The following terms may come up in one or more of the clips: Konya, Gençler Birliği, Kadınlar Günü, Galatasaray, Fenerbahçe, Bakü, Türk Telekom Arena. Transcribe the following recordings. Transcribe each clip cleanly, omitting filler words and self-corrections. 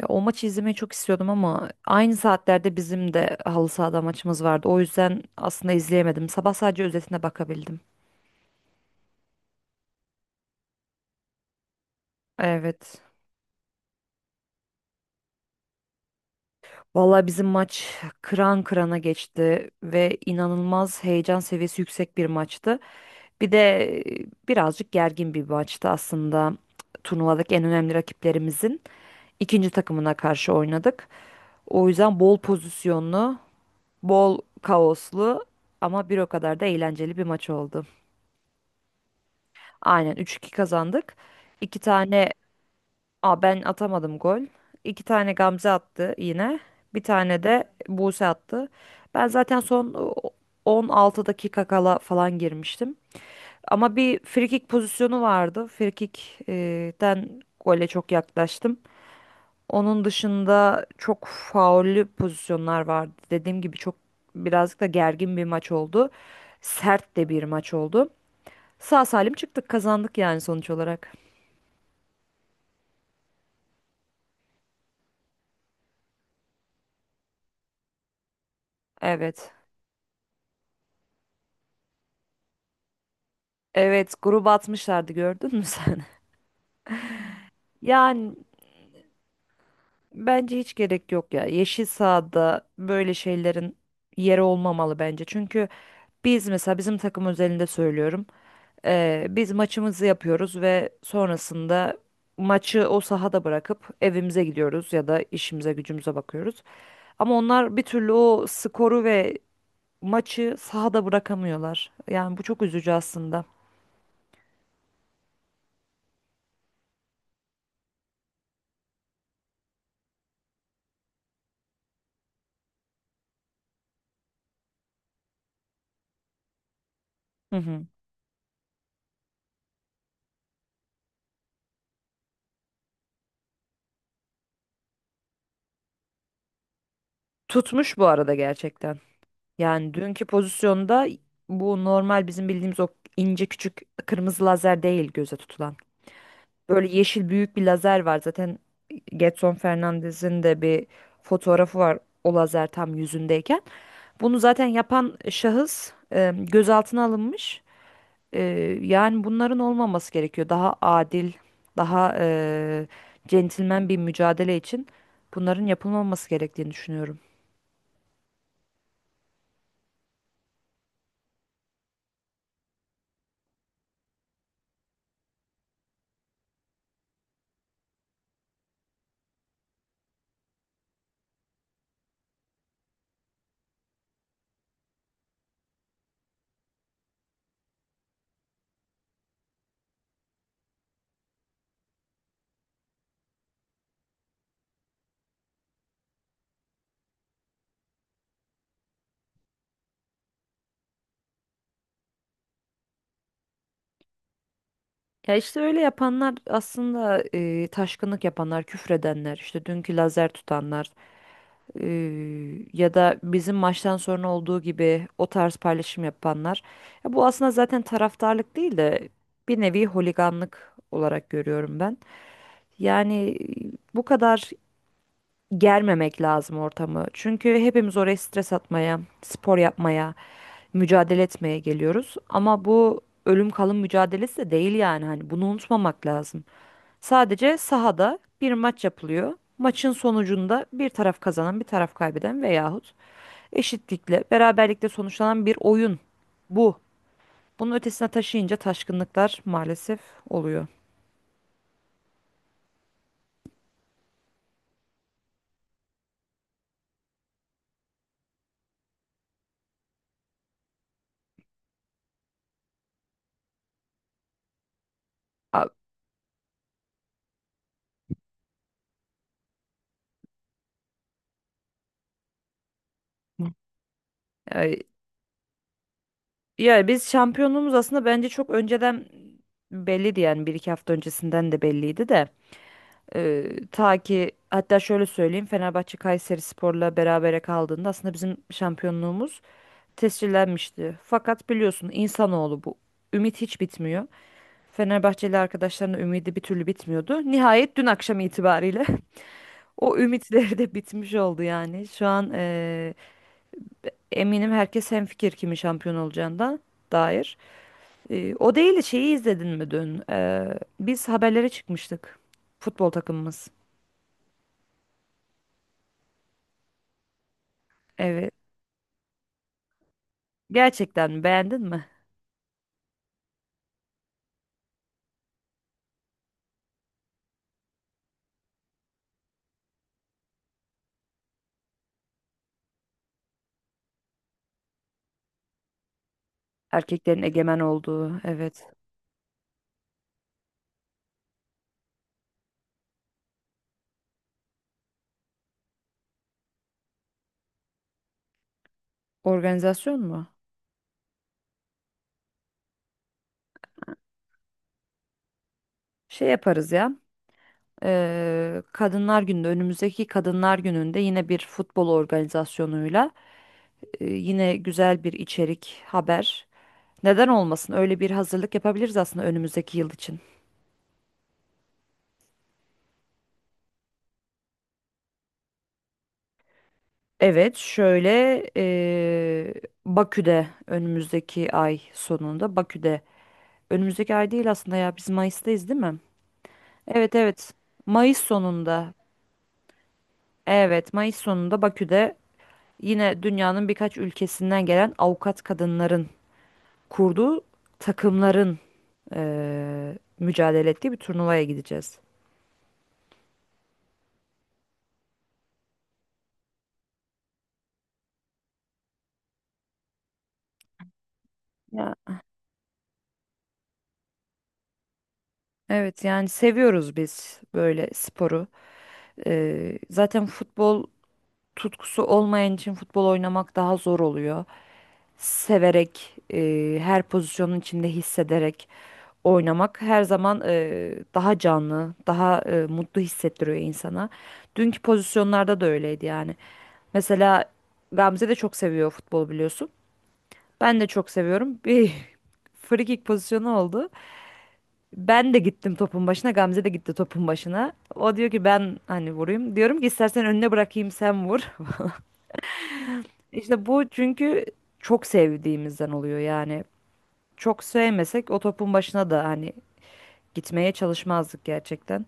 Ya o maçı izlemeyi çok istiyordum ama aynı saatlerde bizim de halı sahada maçımız vardı. O yüzden aslında izleyemedim. Sabah sadece özetine bakabildim. Evet. Vallahi bizim maç kıran kırana geçti ve inanılmaz heyecan seviyesi yüksek bir maçtı. Bir de birazcık gergin bir maçtı aslında. Turnuvadaki en önemli rakiplerimizin ikinci takımına karşı oynadık. O yüzden bol pozisyonlu, bol kaoslu ama bir o kadar da eğlenceli bir maç oldu. Aynen 3-2 kazandık. İki tane Aa, ben atamadım gol. İki tane Gamze attı yine. Bir tane de Buse attı. Ben zaten son o 16 dakika kala falan girmiştim. Ama bir frikik pozisyonu vardı. Frikikten gole çok yaklaştım. Onun dışında çok faullü pozisyonlar vardı. Dediğim gibi birazcık da gergin bir maç oldu. Sert de bir maç oldu. Sağ salim çıktık, kazandık yani sonuç olarak. Evet. Evet, grup atmışlardı gördün mü sen? Yani bence hiç gerek yok ya. Yeşil sahada böyle şeylerin yeri olmamalı bence. Çünkü biz mesela bizim takım özelinde söylüyorum. Biz maçımızı yapıyoruz ve sonrasında maçı o sahada bırakıp evimize gidiyoruz ya da işimize gücümüze bakıyoruz. Ama onlar bir türlü o skoru ve maçı sahada bırakamıyorlar. Yani bu çok üzücü aslında. Hı hı. Tutmuş bu arada gerçekten. Yani dünkü pozisyonda bu normal bizim bildiğimiz o ince küçük kırmızı lazer değil göze tutulan. Böyle yeşil büyük bir lazer var. Zaten Getson Fernandez'in de bir fotoğrafı var o lazer tam yüzündeyken. Bunu zaten yapan şahıs gözaltına alınmış. E, yani bunların olmaması gerekiyor. Daha adil, daha centilmen bir mücadele için bunların yapılmaması gerektiğini düşünüyorum. Ya işte öyle yapanlar aslında, taşkınlık yapanlar, küfredenler, işte dünkü lazer tutanlar e, ya da bizim maçtan sonra olduğu gibi o tarz paylaşım yapanlar. Ya bu aslında zaten taraftarlık değil de bir nevi holiganlık olarak görüyorum ben. Yani bu kadar germemek lazım ortamı. Çünkü hepimiz oraya stres atmaya, spor yapmaya, mücadele etmeye geliyoruz. Ama bu ölüm kalım mücadelesi de değil yani. Hani bunu unutmamak lazım. Sadece sahada bir maç yapılıyor. Maçın sonucunda bir taraf kazanan, bir taraf kaybeden veyahut eşitlikle, beraberlikle sonuçlanan bir oyun bu. Bunun ötesine taşıyınca taşkınlıklar maalesef oluyor. A- ay- Yani biz şampiyonluğumuz aslında bence çok önceden belliydi, yani bir iki hafta öncesinden de belliydi de. Ee, ta ki hatta şöyle söyleyeyim, Fenerbahçe Kayseri Spor'la berabere kaldığında aslında bizim şampiyonluğumuz tescillenmişti. Fakat biliyorsun insanoğlu bu. Ümit hiç bitmiyor. Fenerbahçeli arkadaşlarının ümidi bir türlü bitmiyordu. Nihayet dün akşam itibariyle o ümitleri de bitmiş oldu yani. Şu an eminim herkes hemfikir kimin şampiyon olacağından dair. O değil de, şeyi izledin mi dün? Biz haberlere çıkmıştık. Futbol takımımız. Evet. Gerçekten mi? Beğendin mi? Erkeklerin egemen olduğu. Evet. Organizasyon mu? Şey yaparız ya. Kadınlar Günü'nde önümüzdeki Kadınlar Günü'nde yine bir futbol organizasyonuyla yine güzel bir içerik, haber. Neden olmasın? Öyle bir hazırlık yapabiliriz aslında önümüzdeki yıl için. Evet, şöyle Bakü'de önümüzdeki ay sonunda, Bakü'de önümüzdeki ay değil aslında, ya biz Mayıs'tayız değil mi? Evet, evet, Mayıs sonunda. Evet, Mayıs sonunda Bakü'de yine dünyanın birkaç ülkesinden gelen avukat kadınların kurduğu takımların mücadele ettiği bir turnuvaya gideceğiz. Ya, evet, yani seviyoruz biz böyle sporu. Zaten futbol tutkusu olmayan için futbol oynamak daha zor oluyor. Severek, her pozisyonun içinde hissederek oynamak her zaman daha canlı, daha mutlu hissettiriyor insana. Dünkü pozisyonlarda da öyleydi yani. Mesela Gamze de çok seviyor futbol biliyorsun. Ben de çok seviyorum. Bir free kick pozisyonu oldu. Ben de gittim topun başına. Gamze de gitti topun başına. O diyor ki ben hani vurayım. Diyorum ki istersen önüne bırakayım sen vur. İşte bu çünkü çok sevdiğimizden oluyor yani. Çok sevmesek o topun başına da hani gitmeye çalışmazdık gerçekten.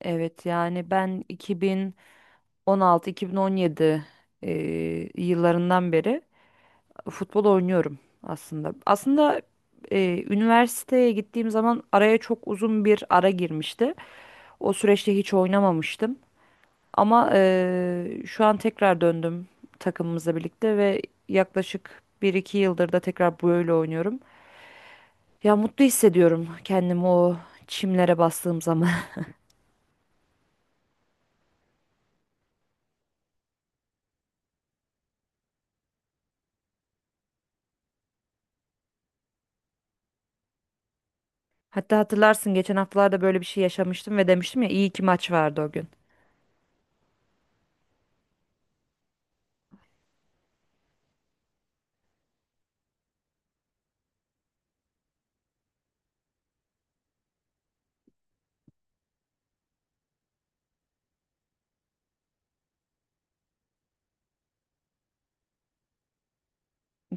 Evet, yani ben 2016-2017 yıllarından beri futbol oynuyorum aslında. Aslında üniversiteye gittiğim zaman araya çok uzun bir ara girmişti. O süreçte hiç oynamamıştım. Ama şu an tekrar döndüm takımımızla birlikte ve yaklaşık bir iki yıldır da tekrar böyle oynuyorum. Ya mutlu hissediyorum kendimi o çimlere bastığım zaman. Hatta hatırlarsın, geçen haftalarda böyle bir şey yaşamıştım ve demiştim ya iyi ki maç vardı o gün.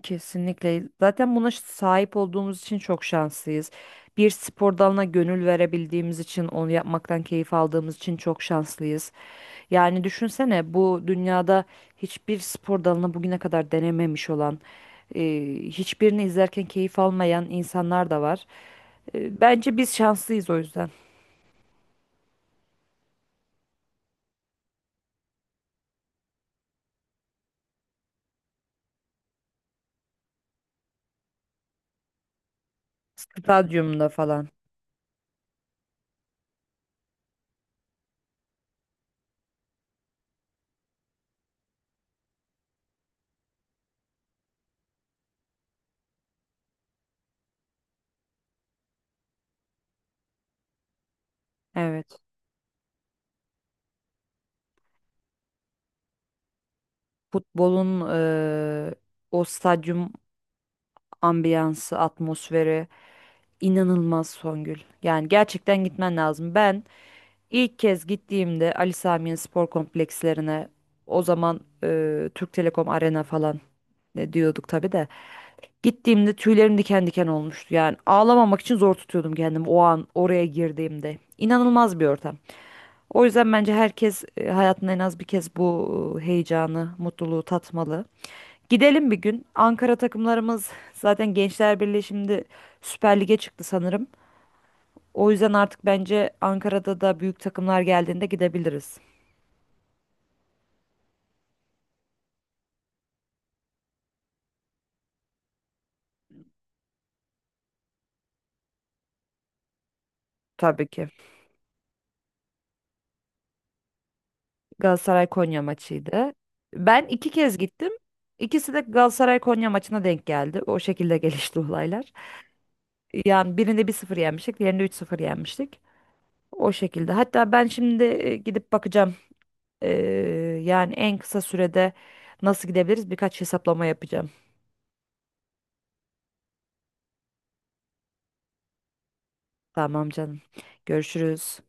Kesinlikle. Zaten buna sahip olduğumuz için çok şanslıyız. Bir spor dalına gönül verebildiğimiz için, onu yapmaktan keyif aldığımız için çok şanslıyız. Yani düşünsene, bu dünyada hiçbir spor dalını bugüne kadar denememiş olan, e, hiçbirini izlerken keyif almayan insanlar da var. Bence biz şanslıyız o yüzden. Stadyumda falan. Evet. Futbolun e, o stadyum ambiyansı, atmosferi. İnanılmaz Songül. Yani gerçekten gitmen lazım. Ben ilk kez gittiğimde Ali Sami'nin spor komplekslerine, o zaman Türk Telekom Arena falan ne diyorduk tabii de, gittiğimde tüylerim diken diken olmuştu. Yani ağlamamak için zor tutuyordum kendimi o an oraya girdiğimde. İnanılmaz bir ortam. O yüzden bence herkes hayatında en az bir kez bu heyecanı, mutluluğu tatmalı. Gidelim bir gün. Ankara takımlarımız zaten Gençler Birliği şimdi Süper Lig'e çıktı sanırım. O yüzden artık bence Ankara'da da büyük takımlar geldiğinde gidebiliriz. Tabii ki. Galatasaray Konya maçıydı. Ben iki kez gittim. İkisi de Galatasaray Konya maçına denk geldi. O şekilde gelişti olaylar. Yani birinde 1-0 yenmiştik, diğerinde 3-0 yenmiştik. O şekilde. Hatta ben şimdi gidip bakacağım. Ee, yani en kısa sürede nasıl gidebiliriz? Birkaç hesaplama yapacağım. Tamam canım. Görüşürüz.